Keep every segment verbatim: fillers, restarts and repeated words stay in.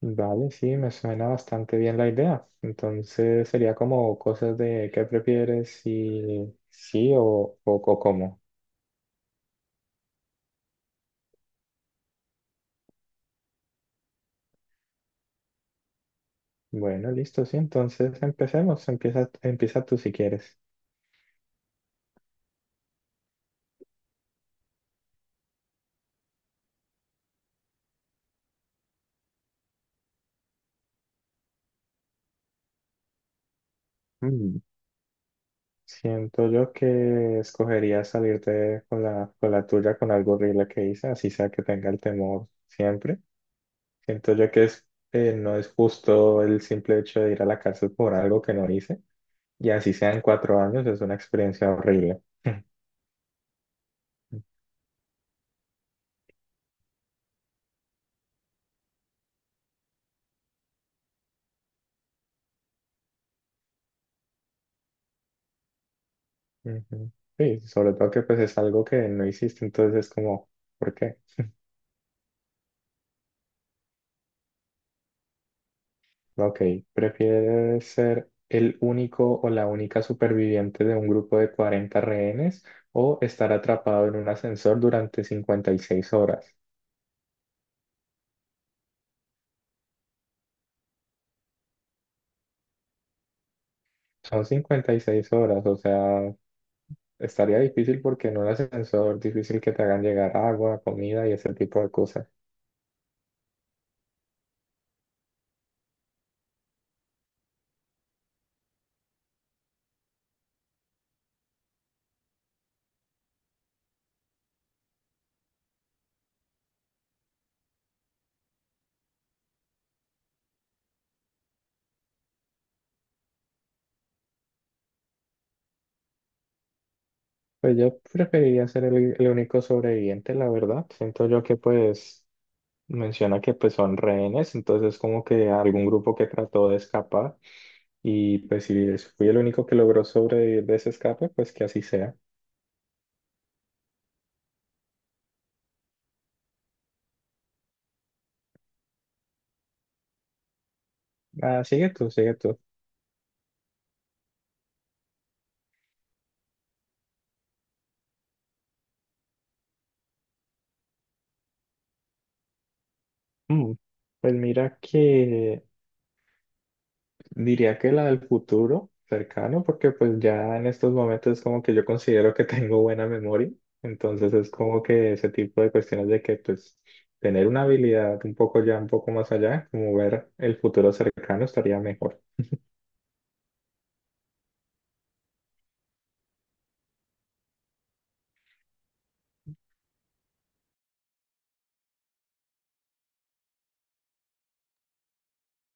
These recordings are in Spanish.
Vale, sí, me suena bastante bien la idea. Entonces sería como cosas de qué prefieres, si sí o, o, o cómo. Bueno, listo, sí, entonces empecemos. Empieza, empieza tú si quieres. Mm, Siento yo que escogería salirte con la, con la tuya con algo horrible que hice, así sea que tenga el temor siempre. Siento yo que es, eh, no es justo el simple hecho de ir a la cárcel por algo que no hice, y así sean cuatro años, es una experiencia horrible. Ujú. Sí, sobre todo que pues es algo que no hiciste, entonces es como, ¿por qué? Ok, ¿prefieres ser el único o la única superviviente de un grupo de cuarenta rehenes o estar atrapado en un ascensor durante cincuenta y seis horas? Son cincuenta y seis horas, o sea, estaría difícil porque en un ascensor difícil que te hagan llegar agua, comida y ese tipo de cosas. Pues yo preferiría ser el, el único sobreviviente, la verdad. Siento yo que pues menciona que pues son rehenes, entonces como que algún grupo que trató de escapar y pues si fui el único que logró sobrevivir de ese escape, pues que así sea. Ah, sigue tú, sigue tú. Mm, Pues mira que diría que la del futuro cercano, porque pues ya en estos momentos es como que yo considero que tengo buena memoria, entonces es como que ese tipo de cuestiones de que pues tener una habilidad un poco ya, un poco más allá, como ver el futuro cercano estaría mejor.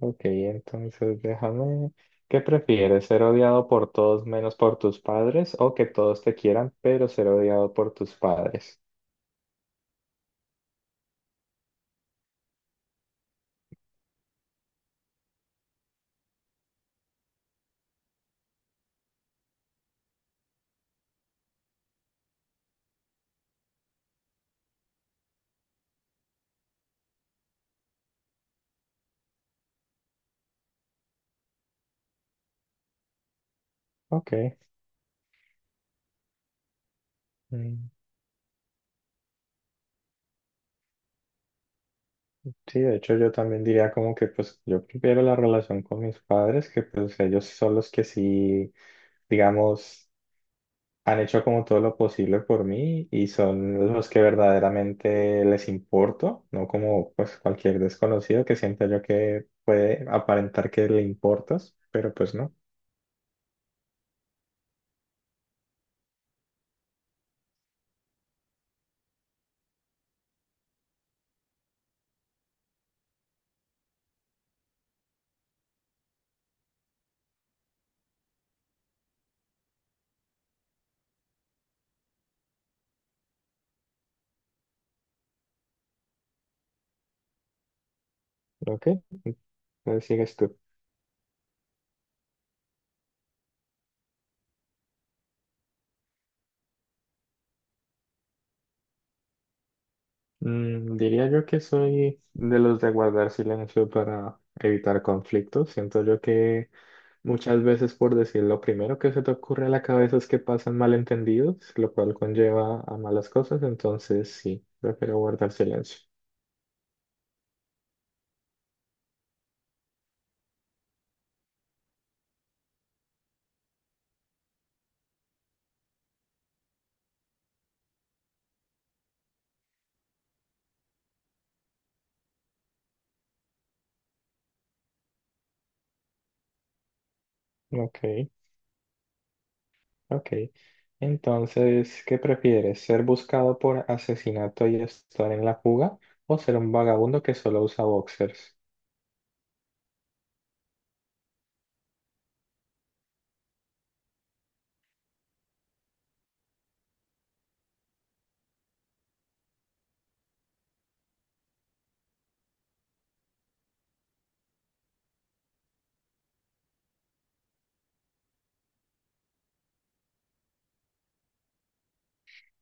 Ok, entonces déjame, ¿qué prefieres? ¿Ser odiado por todos menos por tus padres o que todos te quieran, pero ser odiado por tus padres? Ok. mm, Sí, de hecho yo también diría como que pues yo prefiero la relación con mis padres, que pues ellos son los que sí, digamos, han hecho como todo lo posible por mí y son los que verdaderamente les importo, no como pues cualquier desconocido que sienta yo que puede aparentar que le importas, pero pues no. Ok, entonces sigues tú. Mm, diría yo que soy de los de guardar silencio para evitar conflictos. Siento yo que muchas veces, por decir lo primero que se te ocurre a la cabeza es que pasan malentendidos, lo cual conlleva a malas cosas, entonces sí, prefiero guardar silencio. Ok, ok. Entonces, ¿qué prefieres? ¿Ser buscado por asesinato y estar en la fuga o ser un vagabundo que solo usa boxers?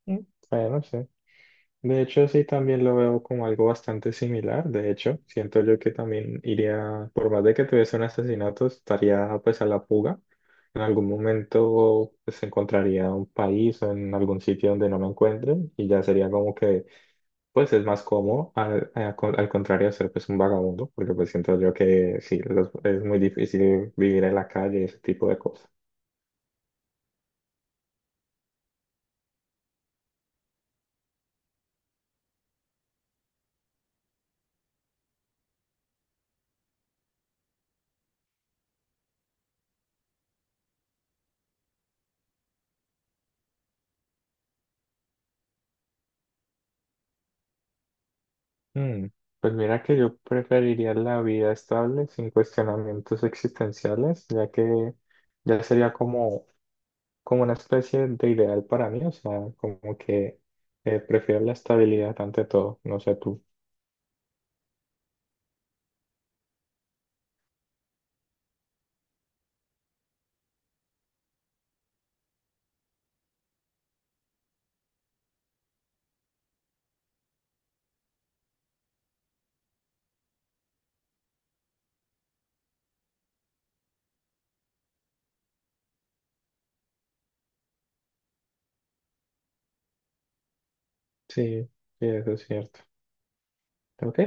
Mm, Bueno, sí. De hecho, sí, también lo veo como algo bastante similar. De hecho, siento yo que también iría, por más de que tuviese un asesinato, estaría pues a la fuga. En algún momento pues encontraría un país o en algún sitio donde no me encuentren y ya sería como que pues es más cómodo al, a- con- al contrario de ser pues un vagabundo, porque pues siento yo que sí, los- es muy difícil vivir en la calle y ese tipo de cosas. Mm, Pues mira que yo preferiría la vida estable sin cuestionamientos existenciales, ya que ya sería como, como una especie de ideal para mí, o sea, como que eh, prefiero la estabilidad ante todo, no sé tú. Sí, sí, eso es cierto. Ok,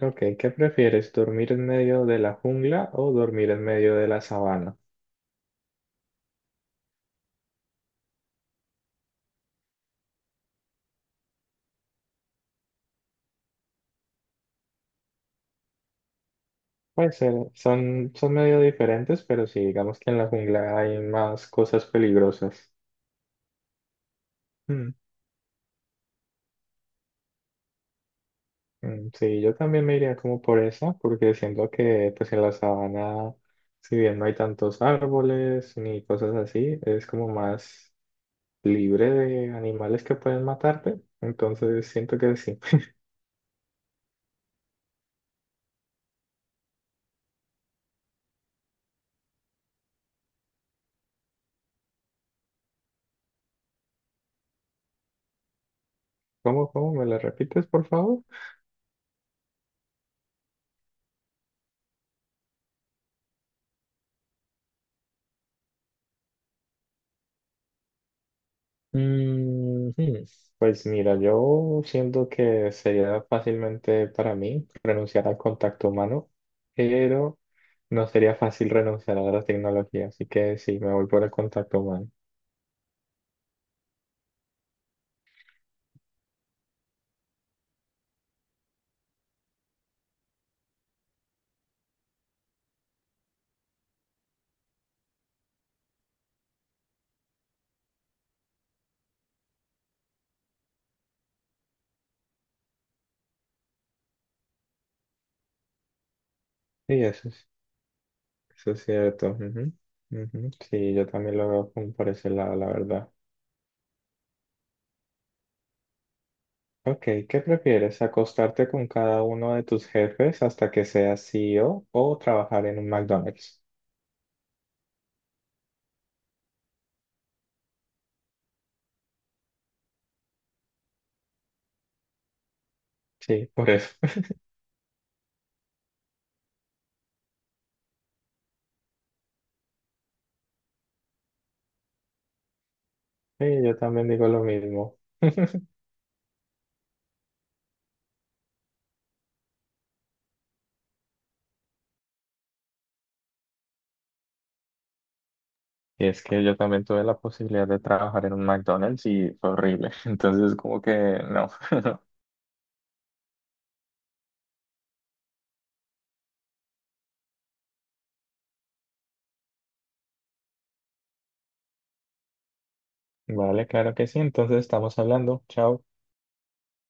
ok, ¿qué prefieres? ¿Dormir en medio de la jungla o dormir en medio de la sabana? Puede ser, son, son medio diferentes, pero sí, digamos que en la jungla hay más cosas peligrosas. Mm, Sí, yo también me iría como por esa, porque siento que pues en la sabana, si bien no hay tantos árboles ni cosas así, es como más libre de animales que pueden matarte. Entonces siento que sí. ¿Cómo, cómo? ¿Me la repites, por favor? Mm, hmm, Pues mira, yo siento que sería fácilmente para mí renunciar al contacto humano, pero no sería fácil renunciar a la tecnología, así que sí, me voy por el contacto humano. Y eso. Eso es cierto. ujú, ujú. Sí, yo también lo veo como por ese lado, la verdad. Ok, ¿qué prefieres? ¿Acostarte con cada uno de tus jefes hasta que seas CEO o o trabajar en un McDonald's? Sí, por eso. Sí, yo también digo lo mismo. Y es que yo también tuve la posibilidad de trabajar en un McDonald's y fue horrible. Entonces, como que no. Vale, claro que sí. Entonces, estamos hablando. Chao.